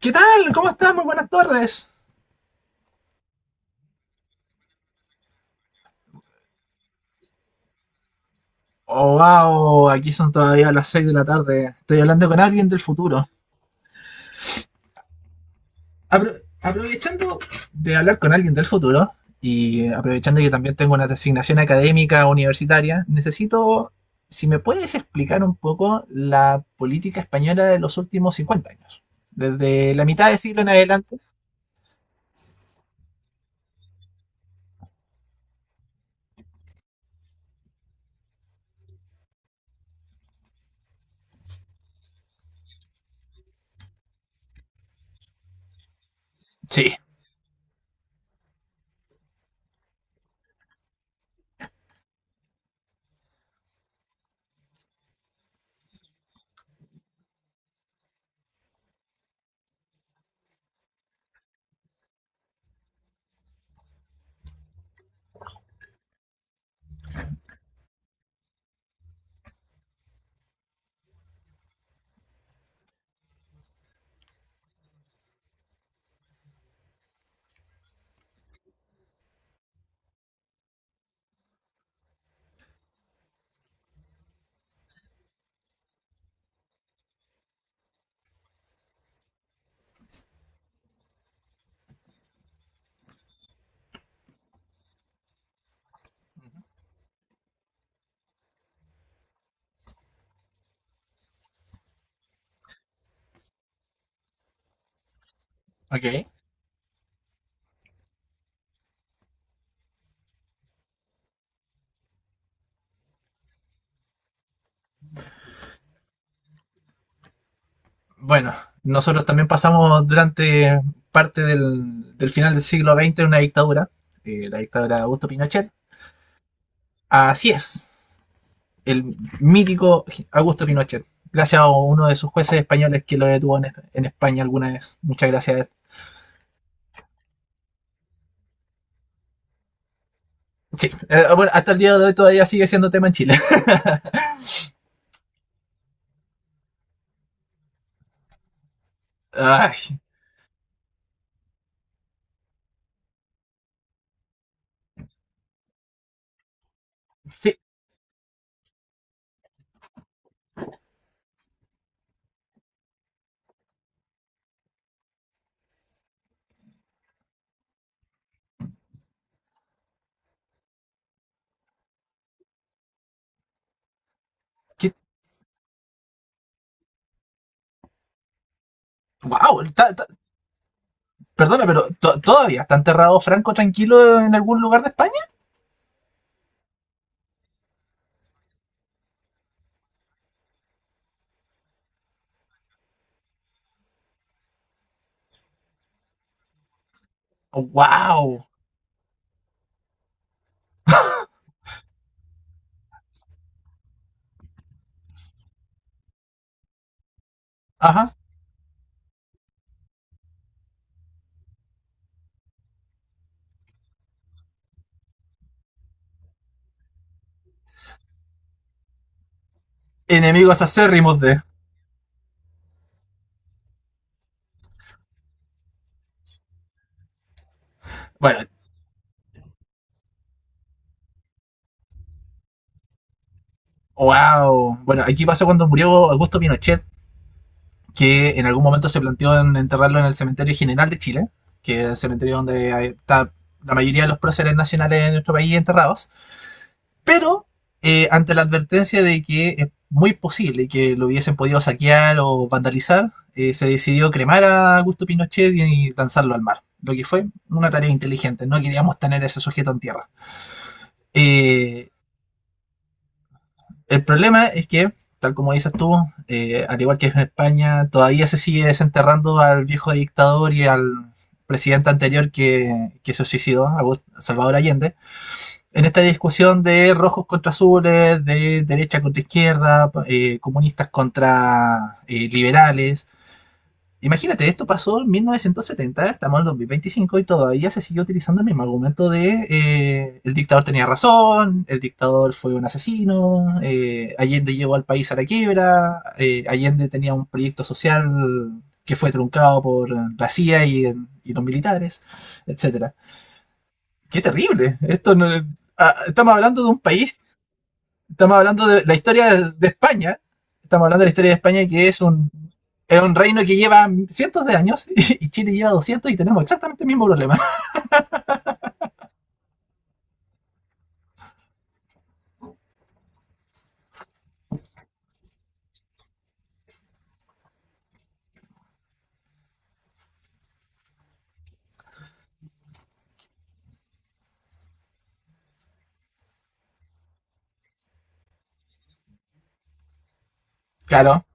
¿Qué tal? ¿Cómo estás? Muy buenas tardes. Oh, wow, aquí son todavía las 6 de la tarde. Estoy hablando con alguien del futuro. Aprovechando de hablar con alguien del futuro y aprovechando que también tengo una designación académica universitaria, necesito, si me puedes explicar un poco la política española de los últimos 50 años. Desde la mitad del siglo en adelante. Sí, ok. Bueno, nosotros también pasamos durante parte del final del siglo XX una dictadura, la dictadura de Augusto Pinochet. Así es, el mítico Augusto Pinochet, gracias a uno de sus jueces españoles que lo detuvo en España alguna vez. Muchas gracias a él. Sí, bueno, hasta el día de hoy todavía sigue siendo tema en Chile. Ay, sí, qué- wow, perdona, pero todavía está enterrado Franco tranquilo en algún lugar de España. Wow, ajá, enemigos acérrimos de. Bueno, wow. Bueno, aquí pasó cuando murió Augusto Pinochet, que en algún momento se planteó en enterrarlo en el Cementerio General de Chile, que es el cementerio donde está la mayoría de los próceres nacionales de nuestro país enterrados. Pero ante la advertencia de que es muy posible que lo hubiesen podido saquear o vandalizar, se decidió cremar a Augusto Pinochet y lanzarlo al mar. Lo que fue una tarea inteligente, no queríamos tener a ese sujeto en tierra. Eh, El problema es que, tal como dices tú, al igual que en España, todavía se sigue desenterrando al viejo dictador y al presidente anterior que se suicidó, Salvador Allende, en esta discusión de rojos contra azules, de derecha contra izquierda, comunistas contra liberales. Imagínate, esto pasó en 1970, estamos en 2025 y todavía se sigue utilizando el mismo argumento de el dictador tenía razón, el dictador fue un asesino, Allende llevó al país a la quiebra, Allende tenía un proyecto social que fue truncado por la CIA y los militares, etcétera. ¡Qué terrible! Esto no, ah, estamos hablando de un país, estamos hablando de la historia de España. Estamos hablando de la historia de España, es un reino que lleva cientos de años y Chile lleva 200 y tenemos exactamente el mismo problema. Claro,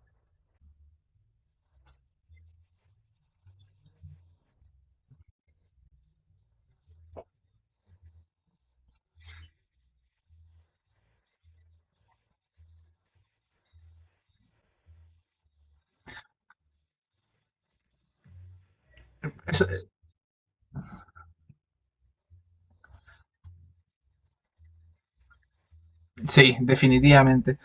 eso, sí, definitivamente.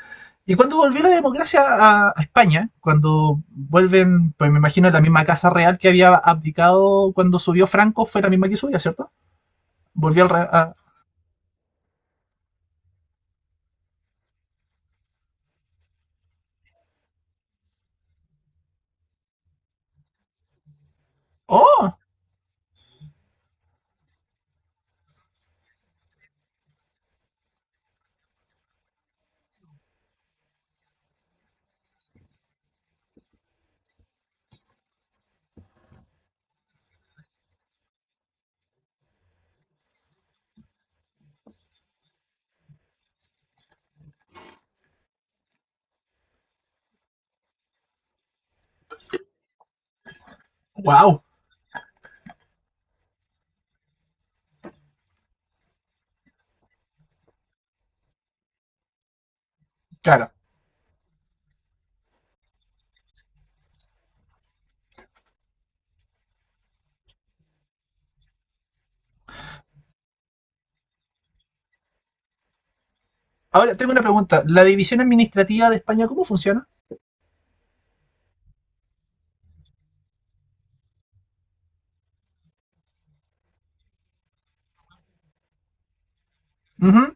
Y cuando volvió la democracia a, España, cuando vuelven, pues me imagino la misma casa real que había abdicado cuando subió Franco, fue la misma que subió, ¿cierto? Volvió al. Re a, ¡oh! ¡Wow! Claro. Ahora tengo una pregunta. ¿La división administrativa de España cómo funciona? Uh -huh.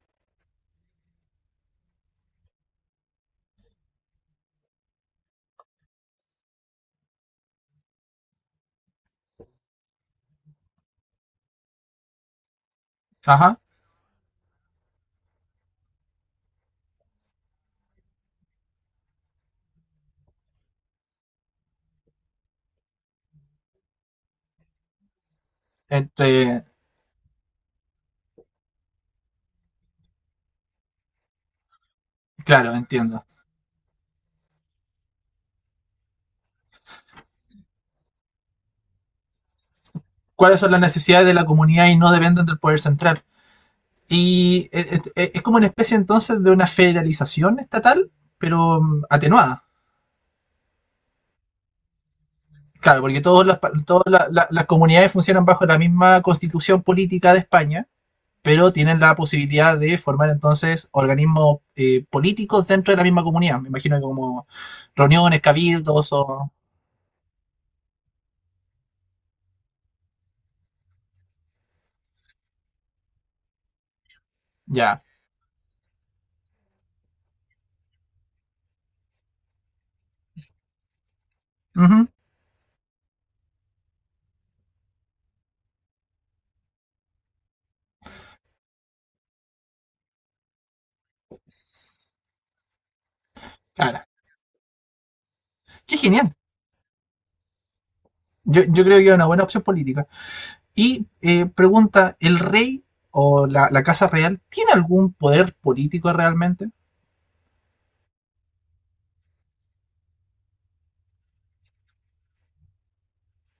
Ajá. Entre, claro, entiendo. ¿Cuáles son las necesidades de la comunidad y no dependen del poder central? Y es como una especie entonces de una federalización estatal, pero atenuada. Claro, porque todas todas las comunidades funcionan bajo la misma constitución política de España, pero tienen la posibilidad de formar entonces organismos políticos dentro de la misma comunidad. Me imagino que como reuniones, cabildos o... Ya. Ujú. Claro. Qué genial. Yo creo que es una buena opción política. Y pregunta, ¿el rey o casa real tiene algún poder político realmente?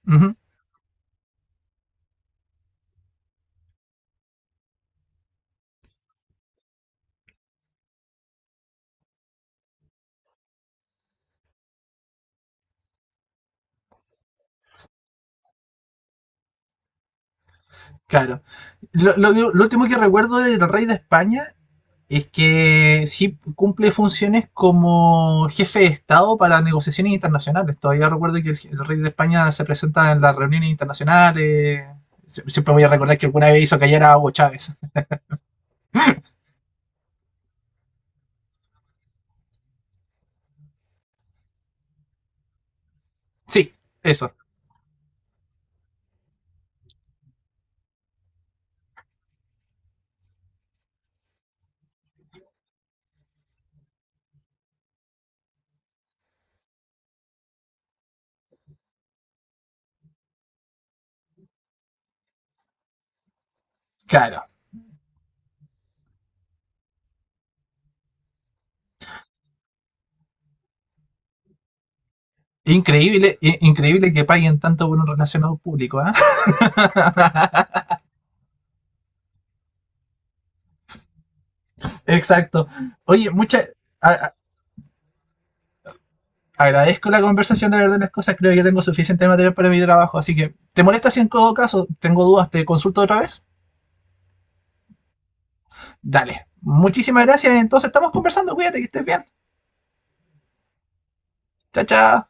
Uh -huh, claro. Último que recuerdo del rey de España es que sí cumple funciones como jefe de Estado para negociaciones internacionales. Todavía recuerdo que el rey de España se presenta en las reuniones internacionales. Siempre voy a recordar que alguna vez hizo callar a Hugo Chávez. Sí, eso. Claro. Increíble, increíble que paguen tanto por un relacionado público, ¿eh? Exacto. Oye, mucha, a- a- agradezco la conversación, la verdad, de las cosas. Creo que tengo suficiente material para mi trabajo. Así que, ¿te molesta si en todo caso tengo dudas? ¿Te consulto otra vez? Dale. Muchísimas gracias. Entonces, estamos conversando. Cuídate, que estés bien. Chao, chao.